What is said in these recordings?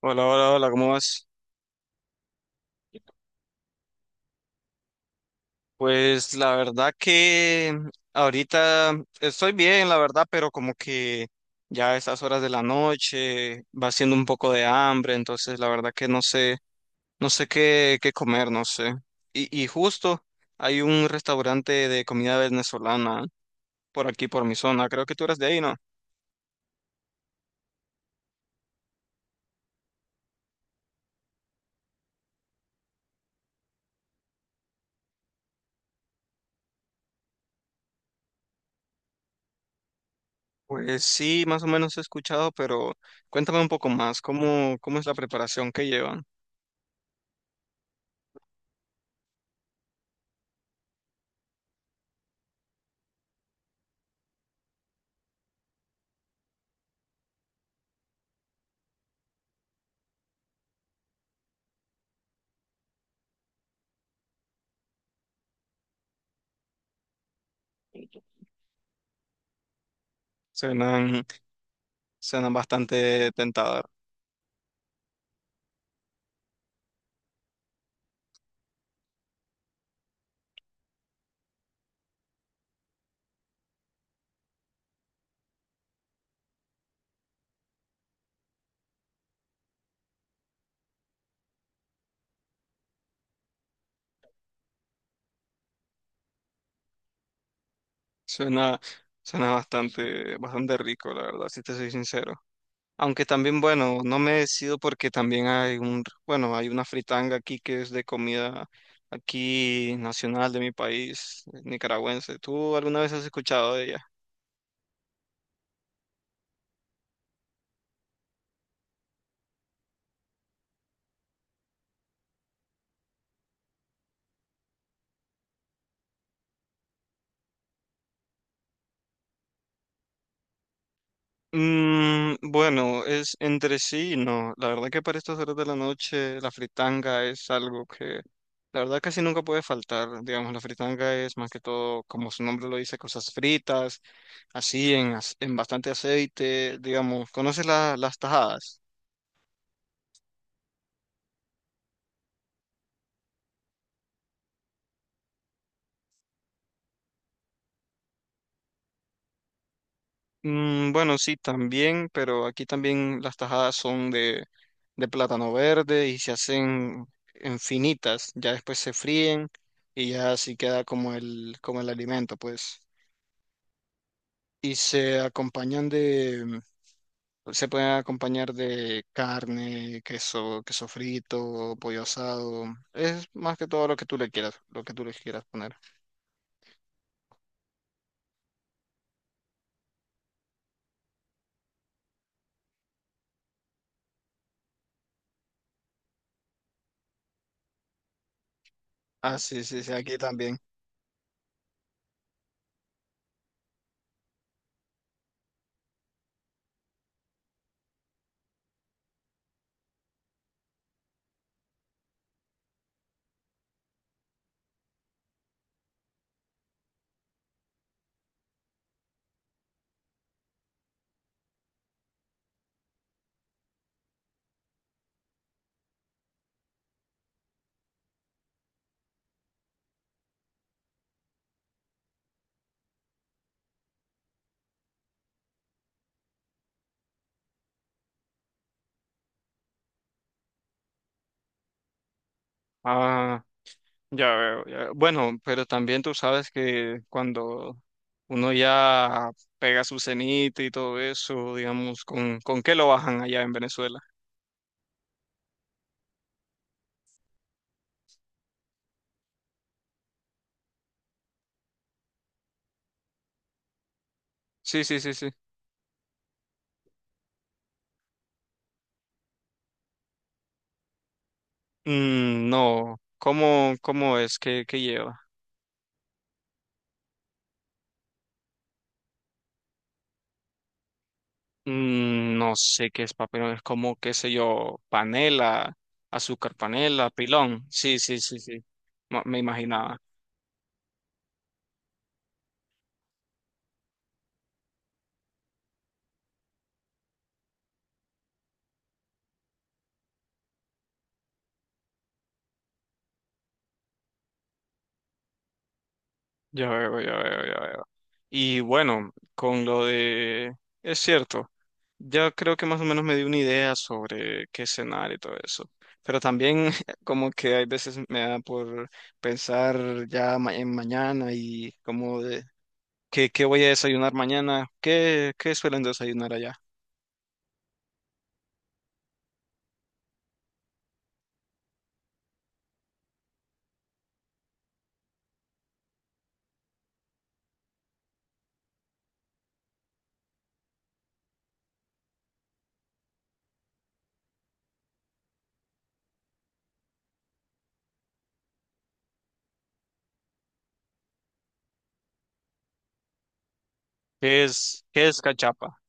Hola, hola, hola, ¿cómo vas? Pues la verdad que ahorita estoy bien, la verdad, pero como que ya a estas horas de la noche va siendo un poco de hambre, entonces la verdad que no sé, no sé qué, qué comer, no sé. Y justo hay un restaurante de comida venezolana por aquí, por mi zona, creo que tú eres de ahí, ¿no? Pues sí, más o menos he escuchado, pero cuéntame un poco más, ¿cómo, cómo es la preparación que llevan? Suenan, suenan bastante tentadoras. Suena, suena bastante, bastante rico, la verdad, si te soy sincero. Aunque también, bueno, no me decido porque también hay un, bueno, hay una fritanga aquí que es de comida aquí nacional de mi país, nicaragüense. ¿Tú alguna vez has escuchado de ella? Mm, bueno, es entre sí y no. La verdad que para estas horas de la noche la fritanga es algo que la verdad casi nunca puede faltar. Digamos, la fritanga es más que todo, como su nombre lo dice, cosas fritas así en, en bastante aceite, digamos. ¿Conoces las tajadas? Mm, bueno, sí, también, pero aquí también las tajadas son de plátano verde y se hacen en finitas, ya después se fríen y ya así queda como el alimento, pues. Y se acompañan de, mm, se pueden acompañar de carne, queso, queso frito, pollo asado. Es más que todo lo que tú le quieras, lo que tú le quieras poner. Ah, sí, sí, sí, aquí también. Ah, ya veo, ya veo. Bueno, pero también tú sabes que cuando uno ya pega su cenita y todo eso, digamos, con qué lo bajan allá en Venezuela? Sí, sí, sí, sí. Mm, no, ¿cómo, cómo es? ¿Qué, qué lleva? Mm, no sé qué es papelón, es como, qué sé yo, panela, azúcar panela, pilón. Sí, sí, sí, sí. Ma- Me imaginaba. Ya veo, ya veo, ya veo. Y bueno, con lo de... Es cierto. Yo creo que más o menos me di una idea sobre qué cenar y todo eso. Pero también como que hay veces me da por pensar ya en mañana y como de qué, qué voy a desayunar mañana. ¿Qué, qué suelen desayunar allá? Qué es cachapa?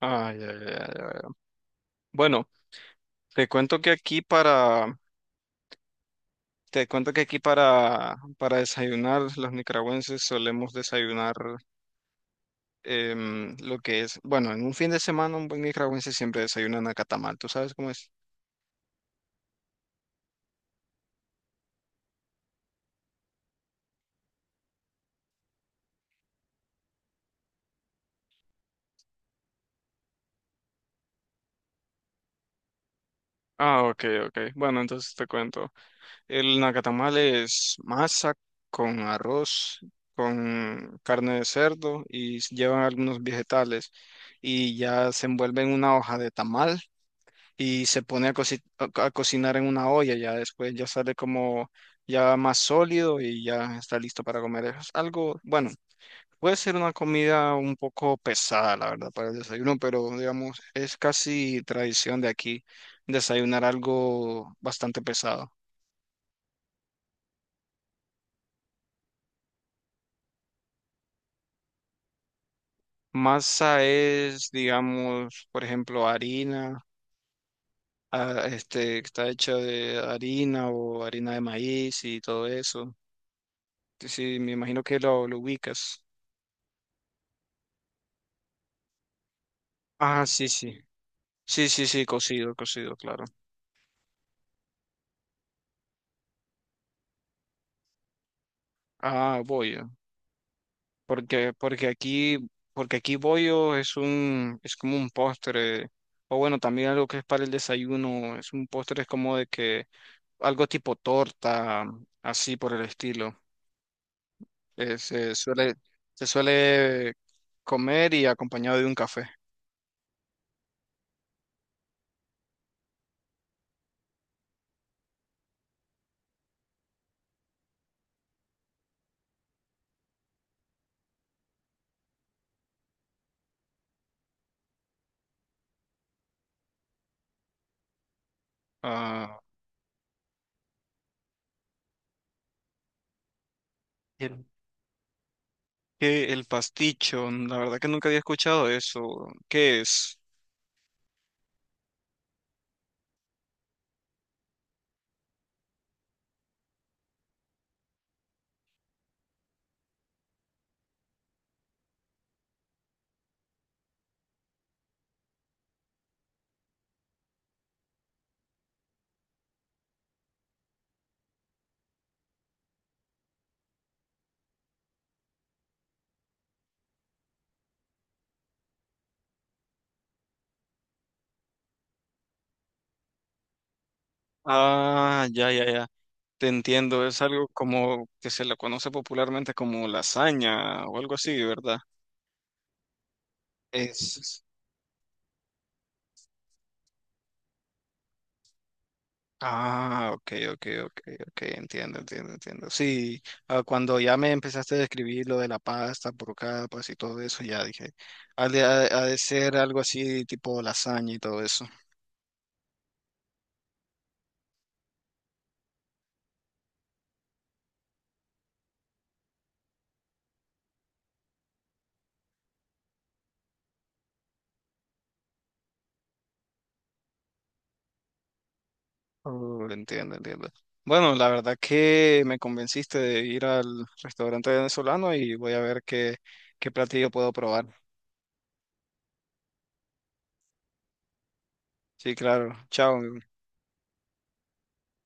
Ay, ay, ay, ay, ay. Bueno, te cuento que aquí para, te cuento que aquí para desayunar, los nicaragüenses solemos desayunar lo que es, bueno, en un fin de semana un buen nicaragüense siempre desayuna nacatamal, ¿tú sabes cómo es? Ah, ok, ok. Bueno, entonces te cuento. El nacatamal es masa con arroz, con carne de cerdo y llevan algunos vegetales y ya se envuelve en una hoja de tamal y se pone a, a cocinar en una olla. Ya después ya sale como ya más sólido y ya está listo para comer. Es algo, bueno, puede ser una comida un poco pesada, la verdad, para el desayuno, pero digamos, es casi tradición de aquí desayunar algo bastante pesado. Masa es, digamos, por ejemplo, harina, que está hecha de harina o harina de maíz y todo eso. Sí, sí, me imagino que lo ubicas. Ah, sí, sí. Sí, sí, sí, cocido, cocido, claro. Ah, voy. Porque, porque aquí bollo es un, es como un postre, o bueno, también algo que es para el desayuno, es un postre, es como de que algo tipo torta, así por el estilo. Se suele, se suele comer y acompañado de un café. Ah, el, que el pasticho, la verdad que nunca había escuchado eso. ¿Qué es? Ah, ya, ya, ya. Te entiendo, es algo como que se lo conoce popularmente como lasaña o algo así, ¿verdad? Es... Ah, ok, ok, ok, ok, entiendo, entiendo, entiendo. Sí, cuando ya me empezaste a describir lo de la pasta por capas y todo eso, ya dije, ha de, ha de ser algo así tipo lasaña y todo eso. Oh, entiendo, entiendo. Bueno, la verdad que me convenciste de ir al restaurante venezolano y voy a ver qué, qué platillo puedo probar. Sí, claro. Chao.